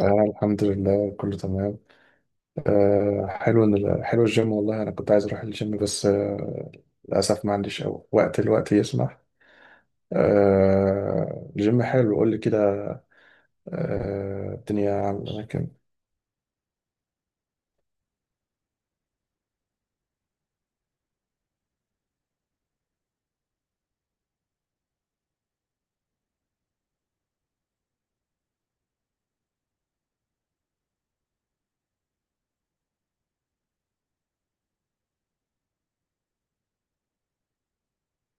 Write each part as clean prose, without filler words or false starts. آه، الحمد لله كله تمام. آه، حلو إن حلو الجيم. والله أنا كنت عايز أروح الجيم بس آه، للأسف ما عنديش أو وقت، الوقت يسمح. آه، الجيم حلو، قول لي كده. آه، الدنيا عاملة كام.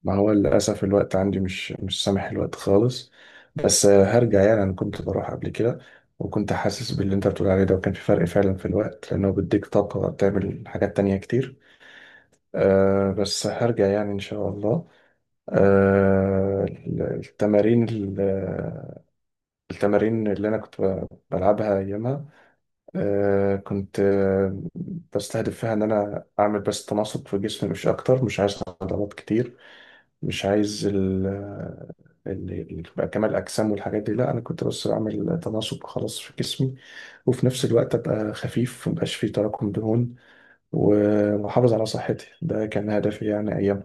ما هو للأسف الوقت عندي مش سامح، الوقت خالص. بس آه، هرجع يعني. أنا كنت بروح قبل كده، وكنت حاسس باللي أنت بتقول عليه ده، وكان في فرق فعلا في الوقت لأنه بيديك طاقة تعمل حاجات تانية كتير. آه، بس هرجع يعني إن شاء الله. آه، التمارين ال- التمارين اللي انا كنت بلعبها ايامها، كنت بستهدف فيها ان انا اعمل بس تناسق في جسمي، مش اكتر. مش عايز عضلات كتير، مش عايز يبقى كمال الاجسام والحاجات دي. لا، انا كنت بس بعمل تناسق خلاص في جسمي، وفي نفس الوقت ابقى خفيف، مبقاش فيه تراكم دهون، واحافظ على صحتي. ده كان هدفي يعني ايام.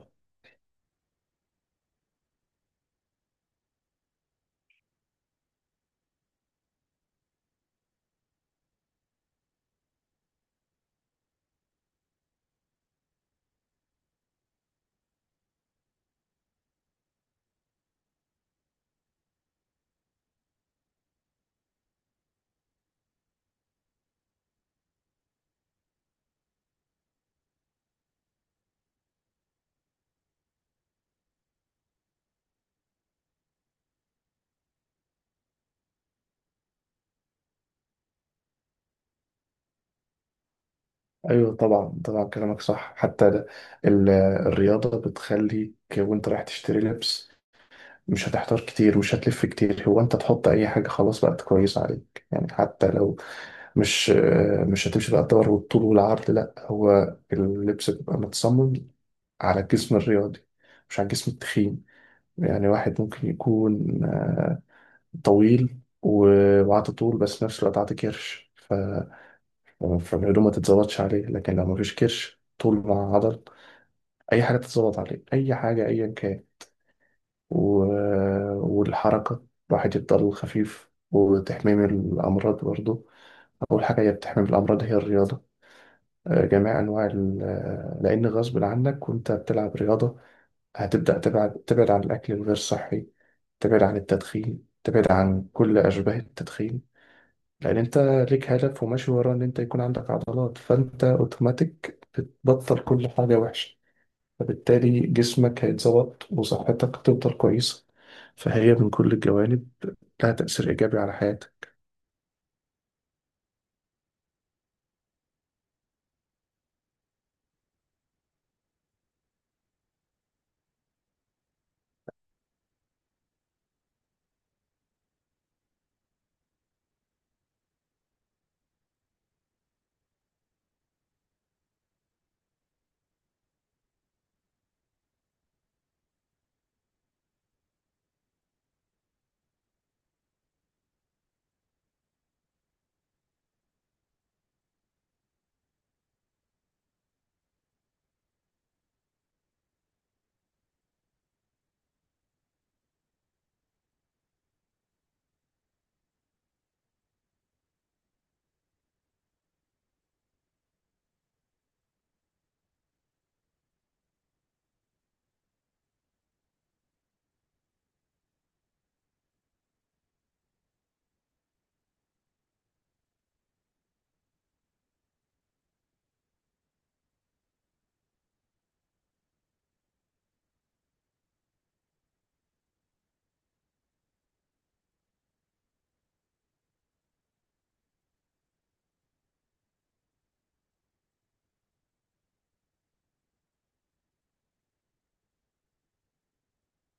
ايوه طبعا طبعا، كلامك صح. حتى ال- الرياضه بتخليك وانت رايح تشتري لبس مش هتحتار كتير، مش هتلف كتير. هو انت تحط اي حاجه خلاص بقت كويسه عليك، يعني حتى لو مش هتمشي بقى الدور والطول والعرض. لا، هو اللبس بيبقى متصمم على الجسم الرياضي، مش على الجسم التخين. يعني واحد ممكن يكون طويل وعاطي طول، بس في نفس الوقت عاطي كرش، ف... فالهدوم ما تتظبطش عليه. لكن لو مفيش كرش، طول مع عضل، اي حاجه تتظبط عليه، اي حاجه ايا كان. و... والحركه، الواحد يفضل خفيف، وتحميم الامراض برضه. اول حاجه هي بتحمي من الامراض هي الرياضه. جميع انواع لان غصب عنك وانت بتلعب رياضه هتبدا تبعد عن الاكل الغير صحي، تبعد عن التدخين، تبعد عن كل اشباه التدخين. لان انت ليك هدف وماشي وراه، ان انت يكون عندك عضلات. فانت اوتوماتيك بتبطل كل حاجه وحشه، فبالتالي جسمك هيتظبط، وصحتك هتفضل كويسة. فهي من كل الجوانب لها تأثير إيجابي على حياتك.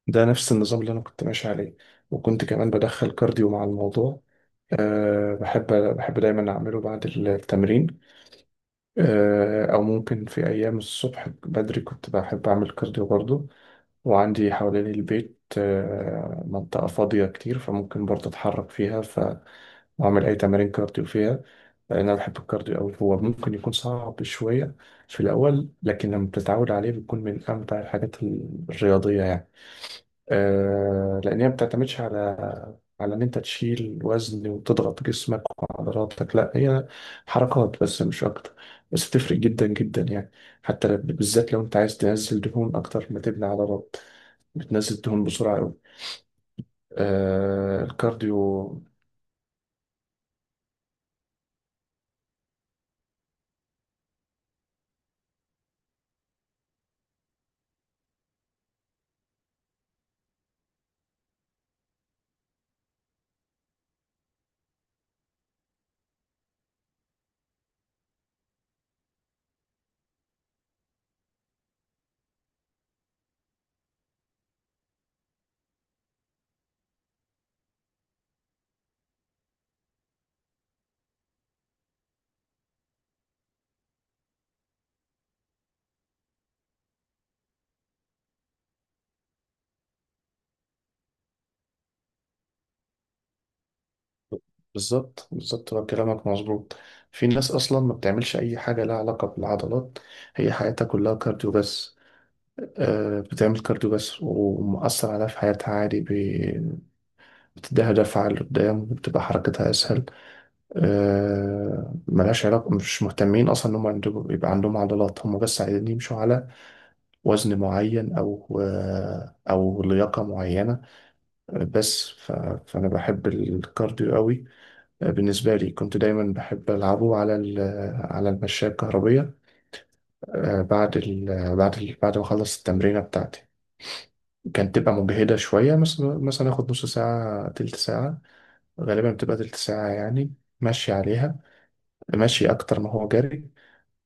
ده نفس النظام اللي أنا كنت ماشي عليه، وكنت كمان بدخل كارديو مع الموضوع. أه، بحب دايما أعمله بعد التمرين. أه، أو ممكن في أيام الصبح بدري كنت بحب أعمل كارديو برضه. وعندي حوالين البيت أه، منطقة فاضية كتير، فممكن برضه أتحرك فيها، ف أعمل أي تمارين كارديو فيها. لأن أنا بحب الكارديو أوي. هو ممكن يكون صعب شوية في الأول، لكن لما بتتعود عليه بيكون من أمتع الحاجات الرياضية يعني. آه، لأن هي ما بتعتمدش على إن أنت تشيل وزن وتضغط جسمك وعضلاتك. لا، هي حركات بس، مش أكتر. بس بتفرق جدا جدا يعني. بالذات لو أنت عايز تنزل دهون أكتر ما تبني عضلات، بتنزل دهون بسرعة أوي، آه، الكارديو. بالظبط بالظبط، هو كلامك مظبوط. في ناس اصلا ما بتعملش اي حاجه لها علاقه بالعضلات، هي حياتها كلها كارديو بس. آه، بتعمل كارديو بس، ومؤثر عليها في حياتها عادي. بتديها دفعه لقدام، بتبقى حركتها اسهل. آه، ملهاش علاقه، مش مهتمين اصلا ان هم عندهم يبقى عندهم عضلات، هم بس عايزين يمشوا على وزن معين او آه، او لياقه معينه. آه، بس ف... فانا بحب الكارديو قوي. بالنسبة لي كنت دايما بحب ألعبه على على المشاية الكهربية. آه، بعد ما أخلص التمرينة بتاعتي، كانت تبقى مجهدة شوية. مثلا آخد نص ساعة، تلت ساعة، غالبا بتبقى تلت ساعة يعني، مشي عليها، مشي أكتر ما هو جري.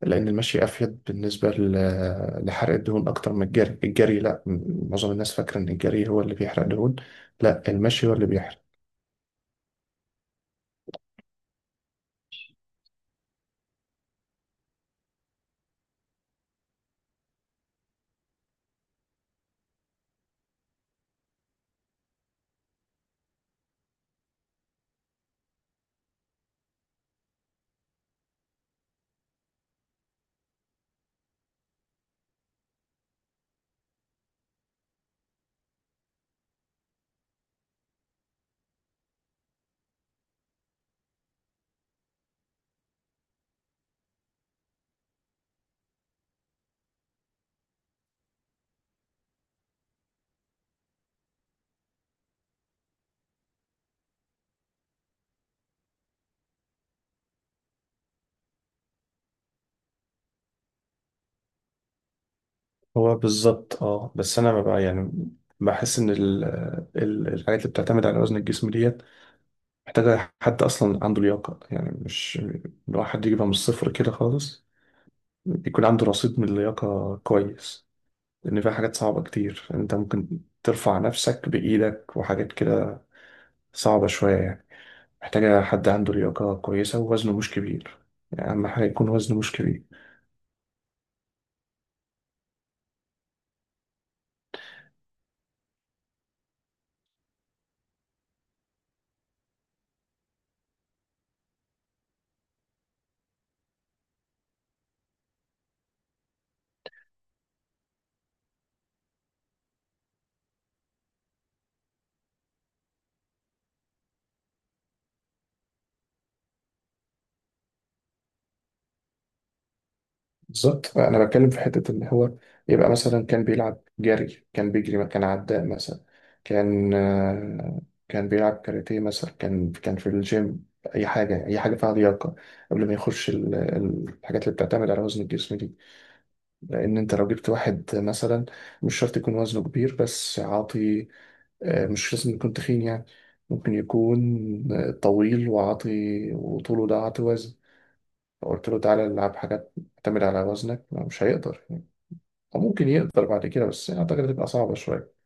لأن المشي أفيد بالنسبة لحرق الدهون أكتر من الجري. الجري لأ، معظم الناس فاكرة إن الجري هو اللي بيحرق دهون. لأ، المشي هو اللي بيحرق. هو بالظبط، اه. بس انا ببقى يعني بحس ان ال ال الحاجات اللي بتعتمد على وزن الجسم ديت محتاجه حد اصلا عنده لياقه، يعني مش الواحد يجيبها من الصفر كده خالص، يكون عنده رصيد من اللياقه كويس. لان فيها حاجات صعبه كتير، يعني انت ممكن ترفع نفسك بايدك وحاجات كده، صعبه شويه يعني. محتاجه حد عنده لياقه كويسه ووزنه مش كبير، يعني اهم حاجه يكون وزنه مش كبير. بالظبط، انا بتكلم في حته اللي هو يبقى مثلا كان بيلعب جري، كان بيجري، كان عداء مثلا، كان آه، كان بيلعب كاراتيه مثلا، كان في الجيم، اي حاجه، اي حاجه فيها لياقه، قبل ما يخش الحاجات اللي بتعتمد على وزن الجسم دي. لان انت لو جبت واحد مثلا، مش شرط يكون وزنه كبير بس عاطي، آه، مش لازم يكون تخين يعني، ممكن يكون آه، طويل وعاطي، وطوله ده عاطي وزن. فقلت له تعالى العب حاجات تعتمد على وزنك، مش هيقدر. أو ممكن يقدر بعد كده، بس أعتقد هتبقى صعبة شوية.